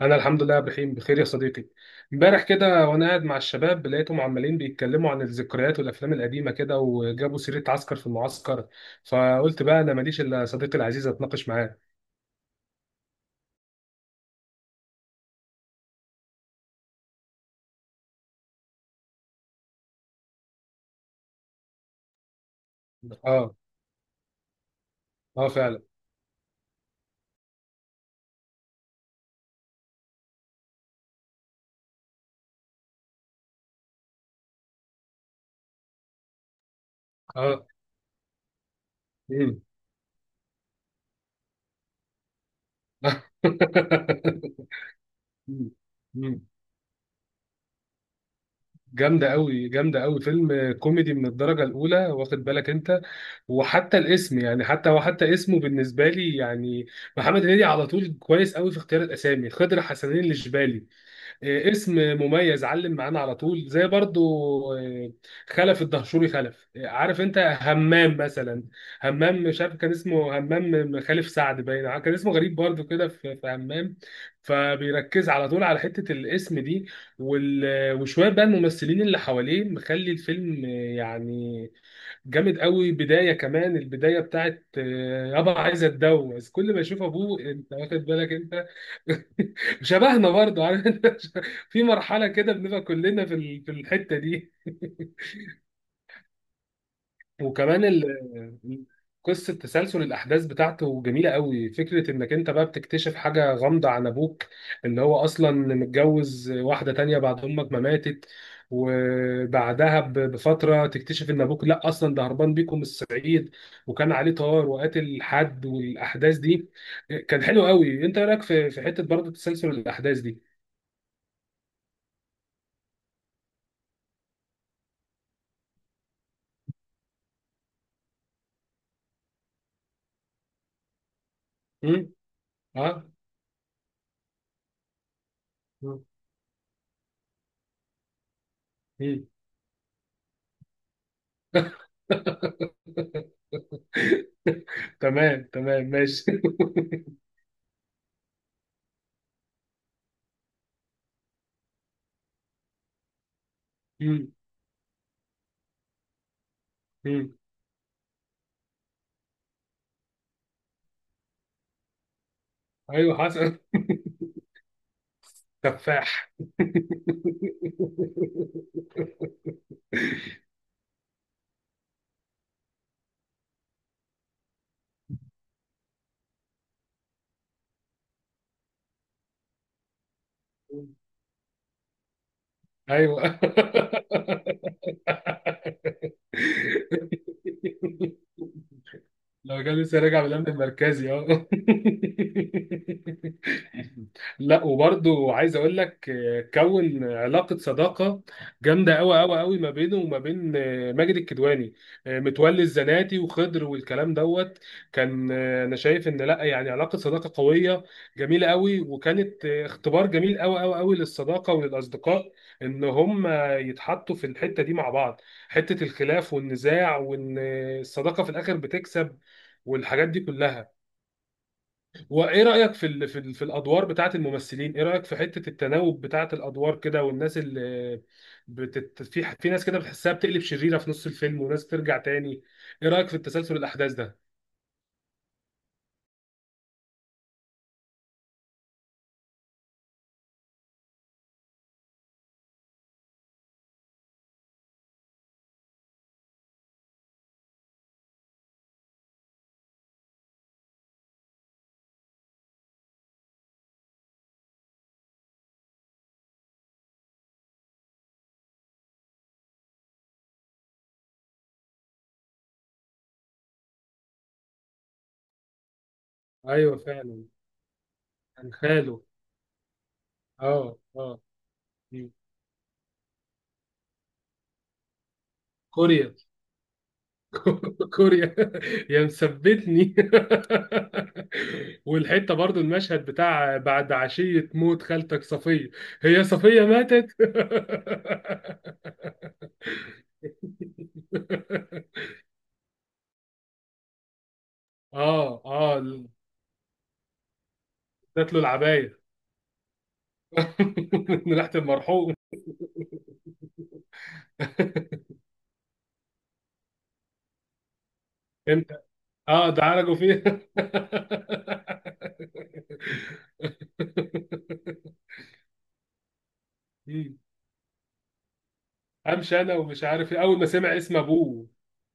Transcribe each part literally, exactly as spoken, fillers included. انا الحمد لله بخير بخير يا صديقي. امبارح كده وانا قاعد مع الشباب لقيتهم عمالين بيتكلموا عن الذكريات والافلام القديمه كده، وجابوا سيره عسكر في المعسكر. فقلت بقى انا ماليش الا صديقي العزيز اتناقش معاه. اه، اه فعلا. اه. مم. مم. مم. جامده قوي جامده قوي، فيلم كوميدي من الدرجه الاولى، واخد بالك انت؟ وحتى الاسم يعني، حتى وحتى اسمه بالنسبه لي يعني، محمد هنيدي على طول كويس قوي في اختيار الاسامي. خضر حسنين الجبالي، آه، اسم مميز، علم معانا على طول. زي برضو آه، خلف الدهشوري خلف، آه، عارف انت همام مثلا؟ همام، مش عارف كان اسمه همام خليف سعد، باين كان اسمه غريب برضو كده، في في همام. فبيركز على طول على حتة الاسم دي. وال- وشوية بقى الممثلين اللي حواليه مخلي الفيلم، آه، يعني، جامد قوي. بداية، كمان البداية بتاعت آه، يابا عايز اتجوز، كل ما يشوف ابوه. انت واخد بالك انت؟ شبهنا، برضو عارف انت؟ في مرحلة كده بنبقى كلنا في ال- في الحتة دي. وكمان ال- قصة تسلسل الأحداث بتاعته جميلة قوي. فكرة إنك أنت بقى بتكتشف حاجة غامضة عن أبوك، اللي هو أصلا متجوز واحدة تانية بعد أمك ما ماتت. وبعدها ب- بفترة تكتشف إن أبوك لأ، أصلا ده هربان بيكم من الصعيد، وكان عليه طار، وقاتل حد والأحداث دي. كان حلو قوي. أنت إيه رأيك في في حتة برضه تسلسل الأحداث دي؟ ها؟ مم. مم. تمام تمام ماشي. مم. مم. ايوه حسن. تفاح. ايوه. لو كان لسه راجع من الامن المركزي، اه. لا وبرضه عايز اقول لك آه، كون علاقه صداقه جامده قوي قوي قوي ما بينه وما بين آه، ماجد الكدواني، آه، متولي الزناتي وخضر والكلام دوت. كان آه، انا شايف ان لا يعني علاقه صداقه قويه جميله قوي. وكانت آه، اختبار جميل قوي قوي قوي للصداقه وللاصدقاء، ان هم يتحطوا في الحته دي مع بعض. حته الخلاف والنزاع، وان آه، الصداقه في الاخر بتكسب، والحاجات دي كلها. وايه رايك في ال في, ال في الادوار بتاعه الممثلين؟ ايه رايك في حته التناوب بتاعه الادوار كده، والناس اللي بتت... في في ناس كده بتحسها بتقلب شريره في نص الفيلم، وناس ترجع تاني. ايه رايك في التسلسل الاحداث ده؟ ايوه فعلا. كان خاله. اه اه. مم. كوريا. كوريا يا مثبتني. والحته برضو المشهد بتاع بعد عشيه موت خالتك صفيه. هي صفيه ماتت. اه اه. ادت له العبايه. من ريحه المرحوم. انت. اه ده عالجوا فيها. مم. امشي انا ومش عارف ايه. اول ما سمع اسم ابوه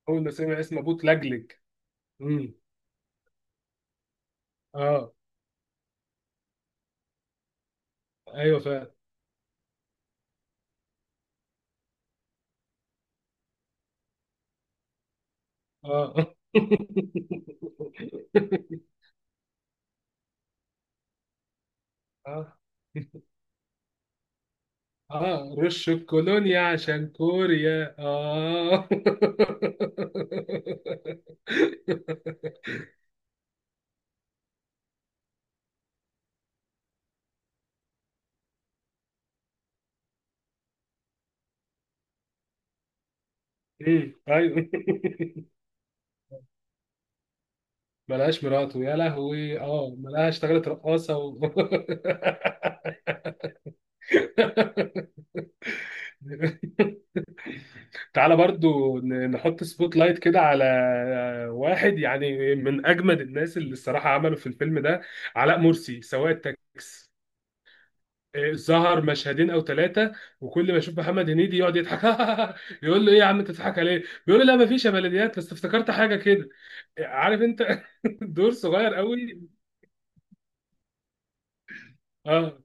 اول ما سمع اسم ابوه اتلجلج. مم. اه ايوه فعلا. اه. اه اه رش الكولونيا عشان كوريا، اه. امم ايوه. ملهاش مراته، يا لهوي، اه، ملهاش اشتغلت رقاصه و... تعالى برضو ن- نحط سبوت لايت كده على واحد، يعني من اجمد الناس اللي الصراحه عملوا في الفيلم ده، علاء مرسي سواق التاكس. إيه، ظهر مشهدين او ثلاثه، وكل ما يشوف محمد هنيدي يقعد يضحك. يقول له: ايه يا عم انت بتضحك عليه؟ بيقول له: لا مفيش يا بلديات، بس افتكرت حاجه كده. عارف انت؟ دور صغير قوي. اه.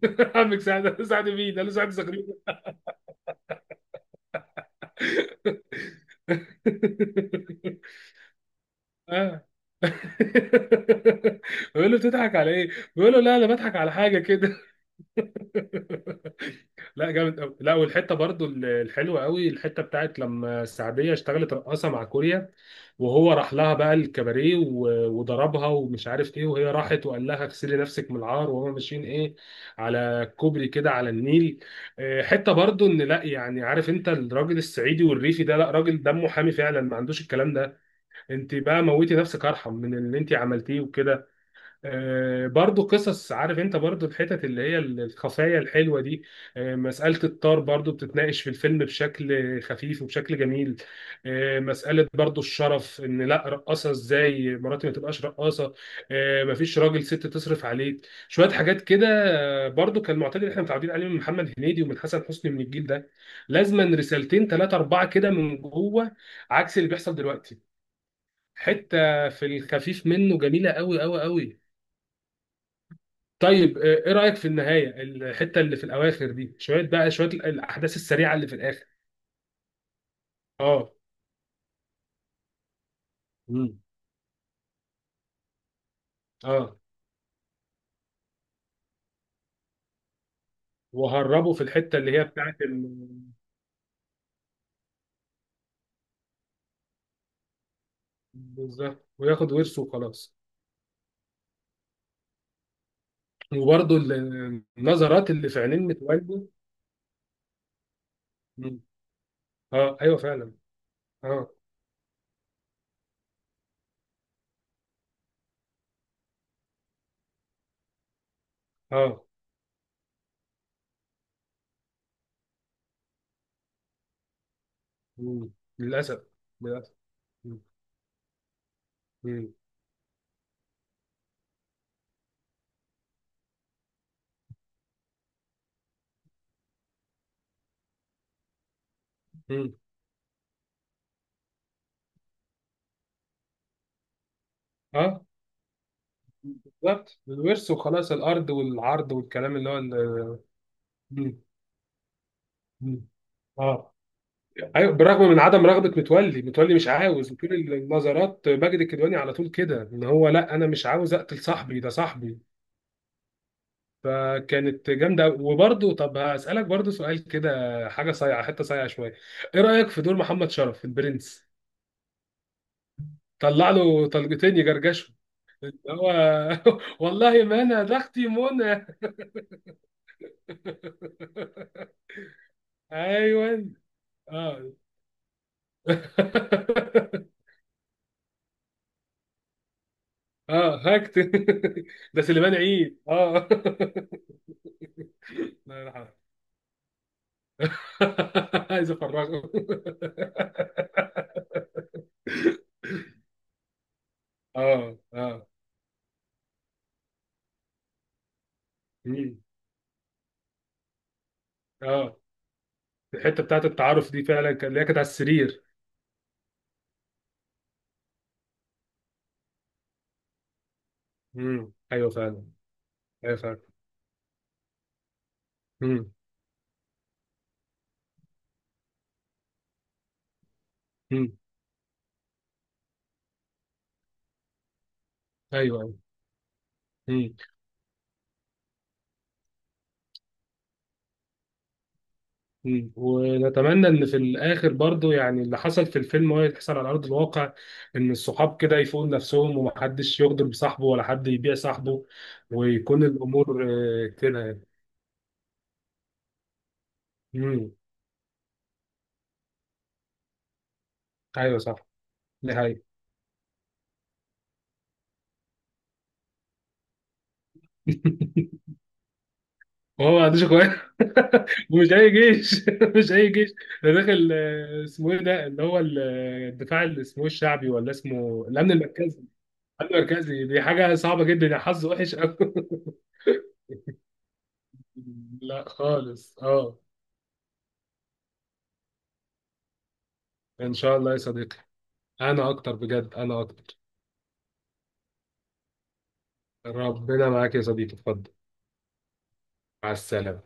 عمك سعد، قال له سعد. مين؟ قال له سعد زغلول. اه. بيقول له: بتضحك على ايه؟ بيقول له: لا انا بضحك على حاجه كده. لا جامد قوي. لا والحته برضو الحلوه قوي، الحته بتاعت لما السعوديه اشتغلت رقاصه مع كوريا، وهو راح لها بقى الكباريه و- وضربها، ومش عارف ايه، وهي راحت وقال لها: اغسلي نفسك من العار، وهما ماشيين ايه، على كوبري كده على النيل. آه، حته برضو ان لا يعني، عارف انت، الراجل الصعيدي والريفي ده، لا راجل دمه حامي فعلا، ما عندوش الكلام ده. انت بقى موتي نفسك ارحم من اللي انت عملتيه وكده. آه، برضو قصص، عارف انت، برضو الحتت اللي هي الخفايا الحلوة دي. آه، مسألة الطار برضو بتتناقش في الفيلم بشكل خفيف وبشكل جميل. آه، مسألة برضو الشرف، ان لا رقاصة، ازاي مراتي ما تبقاش رقاصة، آه، مفيش راجل ست تصرف عليك شوية حاجات كده. آه، برضو كان معتاد اللي احنا متعودين عليه من محمد هنيدي ومن حسن حسني من الجيل ده. لازما رسالتين ثلاثة أربعة كده من جوه، عكس اللي بيحصل دلوقتي. حتة في الخفيف منه جميلة قوي قوي قوي. طيب، آه، ايه رأيك في النهاية، الحتة اللي في الأواخر دي، شوية بقى شوية ال- الأحداث السريعة اللي في الآخر؟ اه. مم. اه. وهربوا في الحتة اللي هي بتاعت ال... بالظبط وياخد ورثه وخلاص. وبرضه ال- النظرات اللي في عينين متولي. مم. اه ايوه فعلا. اه. اه. مم. للأسف. للأسف. مم. مم. مم. اه. بالظبط الورث وخلاص، الأرض والعرض والكلام اللي هو ال... مم. مم. اه ايوه بالرغم من عدم رغبه متولي، متولي مش عاوز، وطول النظرات ماجد الكدواني على طول كده، ان هو لا انا مش عاوز اقتل صاحبي ده صاحبي. فكانت جامده أوي. وبرضه طب هسالك برضه سؤال كده، حاجه صايعه، حته صايعه شويه. ايه رايك في دور محمد شرف البرنس؟ طلع له طلقتين يجرجشوا، اللي هو. والله ما انا ده اختي منى. ايوه. اه. اه هكت. ده سليمان عيد، اه. الله يرحمه. عايز افرغه. اه اه. مم. اه. الحته بتاعت التعارف دي فعلا كان، اللي هي كانت على السرير. مم. ايوه فعلا. ايوه فعلا. مم. مم. ايوه ايوه. مم. مم. ونتمنى ان في الاخر برضو، يعني اللي حصل في الفيلم هو يحصل على ارض الواقع، ان الصحاب كده يفوقوا نفسهم، ومحدش يغدر بصاحبه، ولا حد يبيع صاحبه، ويكون الامور آه، كده يعني. مم. ايوه صح. دي حقيقة. هو ما عندوش اخوات. ومش اي جيش. مش اي جيش. ده داخل آه، اسمه ايه ده اللي هو ال- آه، الدفاع اللي اسمه إيه، الشعبي ولا اسمه الامن المركزي؟ الامن المركزي دي حاجه صعبه جدا، يا حظ وحش قوي. لا خالص اه. ان شاء الله يا صديقي. انا اكتر بجد انا اكتر. ربنا معاك يا صديقي، اتفضل. مع السلامه.